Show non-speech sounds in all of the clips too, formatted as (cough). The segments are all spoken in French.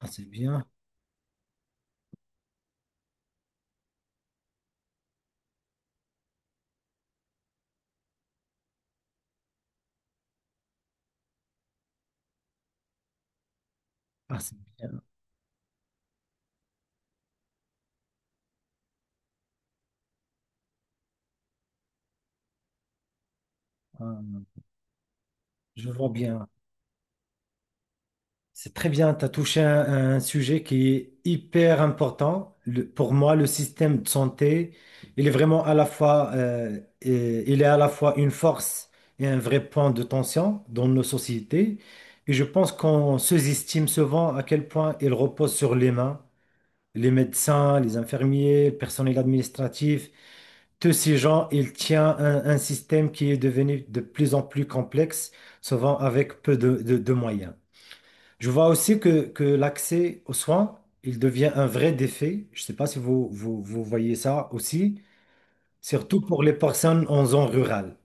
Ah, c'est bien. Ah, c'est bien. Ah, je vois bien. C'est très bien. Tu as touché un sujet qui est hyper important. Pour moi, le système de santé, il est vraiment à la fois, il est à la fois une force et un vrai point de tension dans nos sociétés. Et je pense qu'on sous-estime souvent à quel point il repose sur les mains, les médecins, les infirmiers, le personnel administratif. Tous ces gens, ils tiennent un système qui est devenu de plus en plus complexe, souvent avec peu de moyens. Je vois aussi que l'accès aux soins, il devient un vrai défi. Je ne sais pas si vous voyez ça aussi, surtout pour les personnes en zone rurale.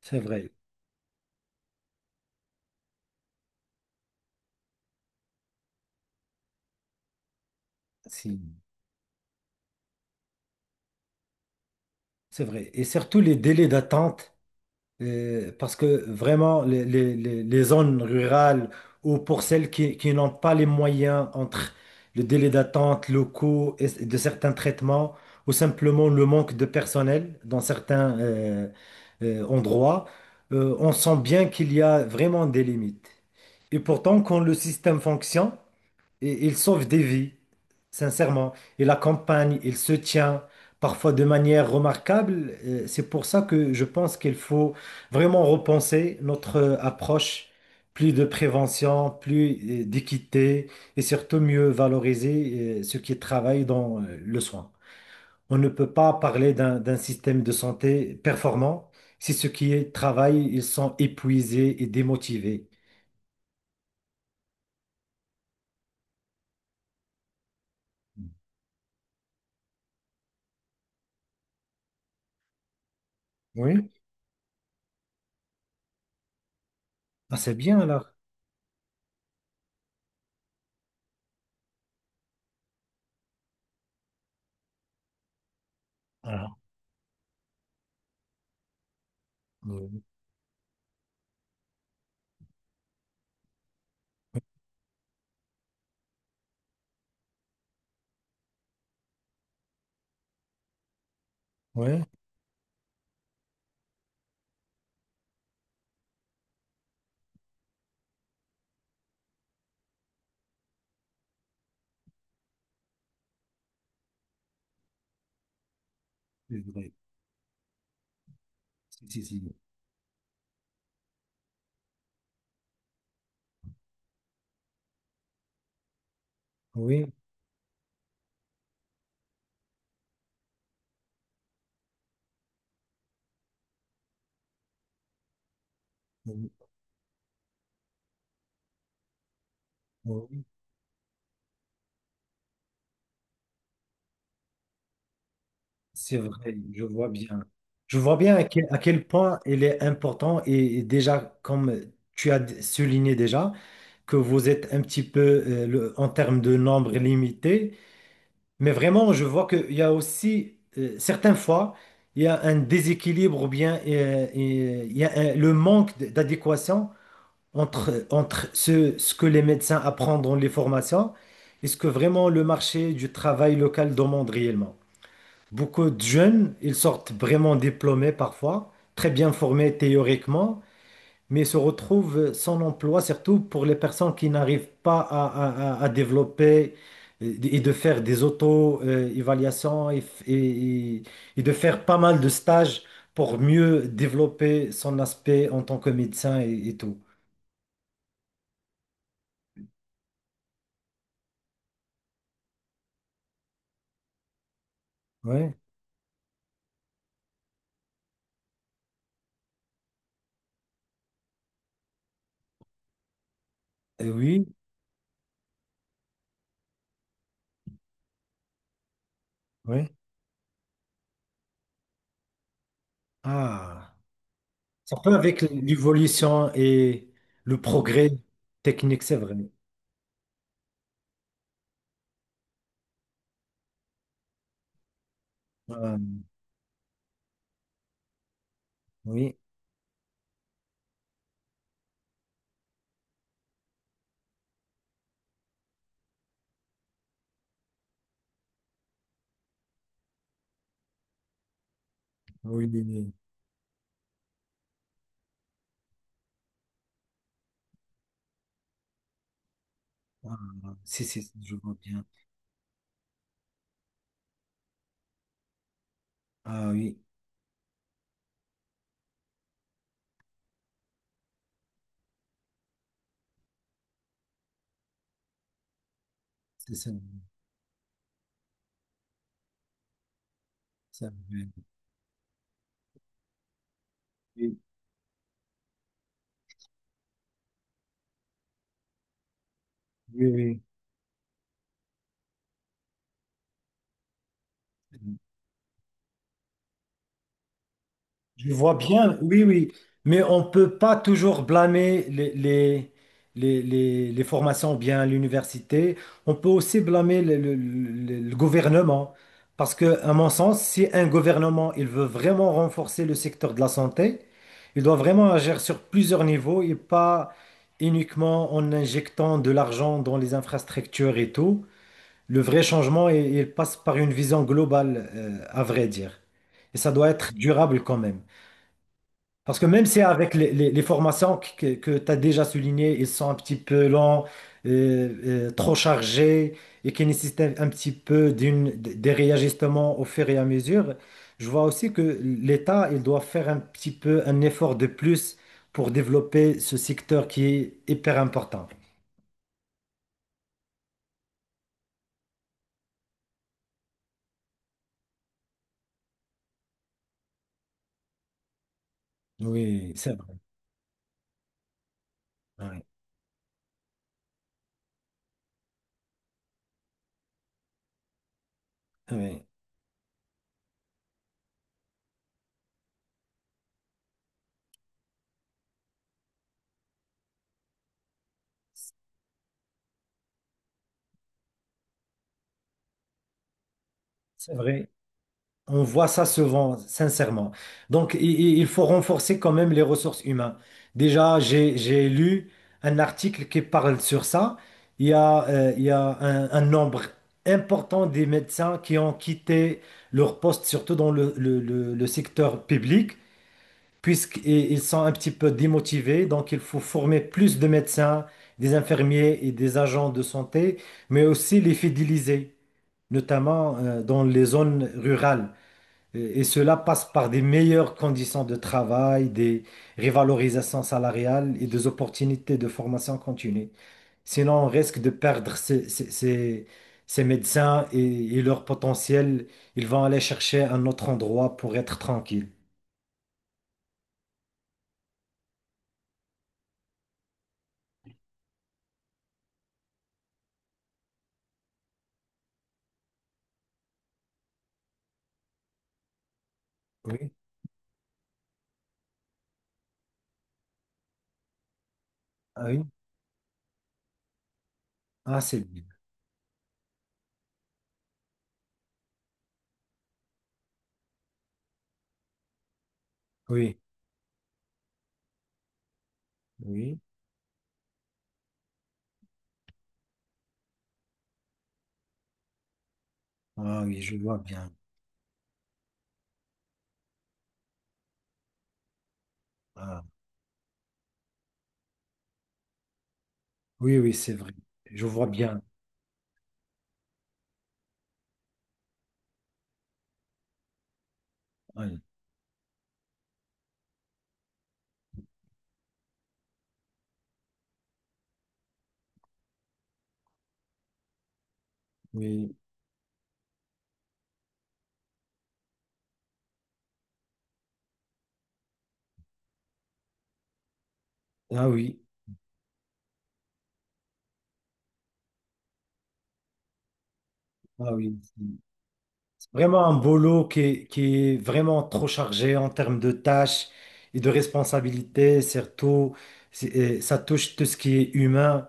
C'est vrai, si, c'est vrai. Et surtout les délais d'attente. Parce que vraiment, les zones rurales ou pour celles qui n'ont pas les moyens entre le délai d'attente, le coût de certains traitements ou simplement le manque de personnel dans certains endroits, on sent bien qu'il y a vraiment des limites. Et pourtant, quand le système fonctionne, et il sauve des vies, sincèrement. Il accompagne, il se tient, parfois de manière remarquable. C'est pour ça que je pense qu'il faut vraiment repenser notre approche, plus de prévention, plus d'équité et surtout mieux valoriser ceux qui travaillent dans le soin. On ne peut pas parler d'un système de santé performant si ceux qui y travaillent, ils sont épuisés et démotivés. Oui, ah, c'est bien alors. Voilà. Oui. Oui. C'est vrai. Si, si, si. Oui, oui, oui, c'est vrai, je vois bien. Je vois bien à quel point il est important et déjà, comme tu as souligné déjà, que vous êtes un petit peu en termes de nombre limité, mais vraiment, je vois qu'il y a aussi, certaines fois, il y a un déséquilibre ou bien il y a le manque d'adéquation entre, entre ce, ce que les médecins apprennent dans les formations et ce que vraiment le marché du travail local demande réellement. Beaucoup de jeunes, ils sortent vraiment diplômés parfois, très bien formés théoriquement, mais se retrouvent sans emploi, surtout pour les personnes qui n'arrivent pas à développer et de faire des auto-évaluations et- et de faire pas mal de stages pour mieux développer son aspect en tant que médecin et tout. Ouais. Oui. Oui. Ah, ça peut avec l'évolution et le progrès technique, c'est vrai. Euh, oui, oui, oui, oui. Ah, si, si, si, je vois bien. Ah oui, c'est ça. Ça, oui, oui, oui. Je vois bien, oui, oui, mais on ne peut pas toujours blâmer les formations bien à l'université. On peut aussi blâmer le gouvernement. Parce que, à mon sens, si un gouvernement il veut vraiment renforcer le secteur de la santé, il doit vraiment agir sur plusieurs niveaux et pas uniquement en injectant de l'argent dans les infrastructures et tout. Le vrai changement, il passe par une vision globale, à vrai dire. Et ça doit être durable quand même. Parce que même si avec les formations que tu as déjà soulignées, ils sont un petit peu longs, trop chargés et qui nécessitent un petit peu d'une, des réajustements au fur et à mesure, je vois aussi que l'État, il doit faire un petit peu un effort de plus pour développer ce secteur qui est hyper important. Oui, c'est vrai. Oui, oui, c'est vrai. On voit ça souvent, sincèrement. Donc, il faut renforcer quand même les ressources humaines. Déjà, j'ai lu un article qui parle sur ça. Il y a un nombre important des médecins qui ont quitté leur poste, surtout dans le secteur public, puisqu'ils sont un petit peu démotivés. Donc, il faut former plus de médecins, des infirmiers et des agents de santé, mais aussi les fidéliser, notamment, dans les zones rurales. Et cela passe par des meilleures conditions de travail, des revalorisations salariales et des opportunités de formation continue. Sinon, on risque de perdre ces médecins et leur potentiel. Ils vont aller chercher un autre endroit pour être tranquille. Oui, ah oui, ah c'est bien. Oui, oui, ah oui, je vois bien. Ah, oui, oui, c'est vrai. Je vois bien. Oui, oui, ah oui, ah oui. Vraiment un boulot qui est vraiment trop chargé en termes de tâches et de responsabilités, surtout, ça touche tout ce qui est humain,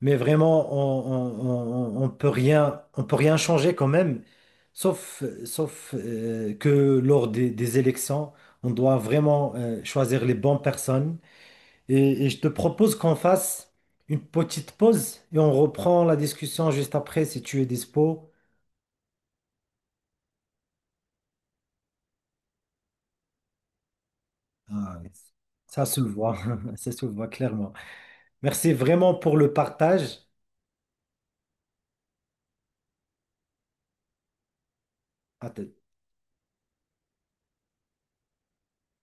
mais vraiment, on peut rien changer quand même, sauf que lors des élections, on doit vraiment choisir les bonnes personnes. Et je te propose qu'on fasse une petite pause et on reprend la discussion juste après si tu es dispo. Ah, ça se le voit, (laughs) ça se le voit clairement. Merci vraiment pour le partage. À t-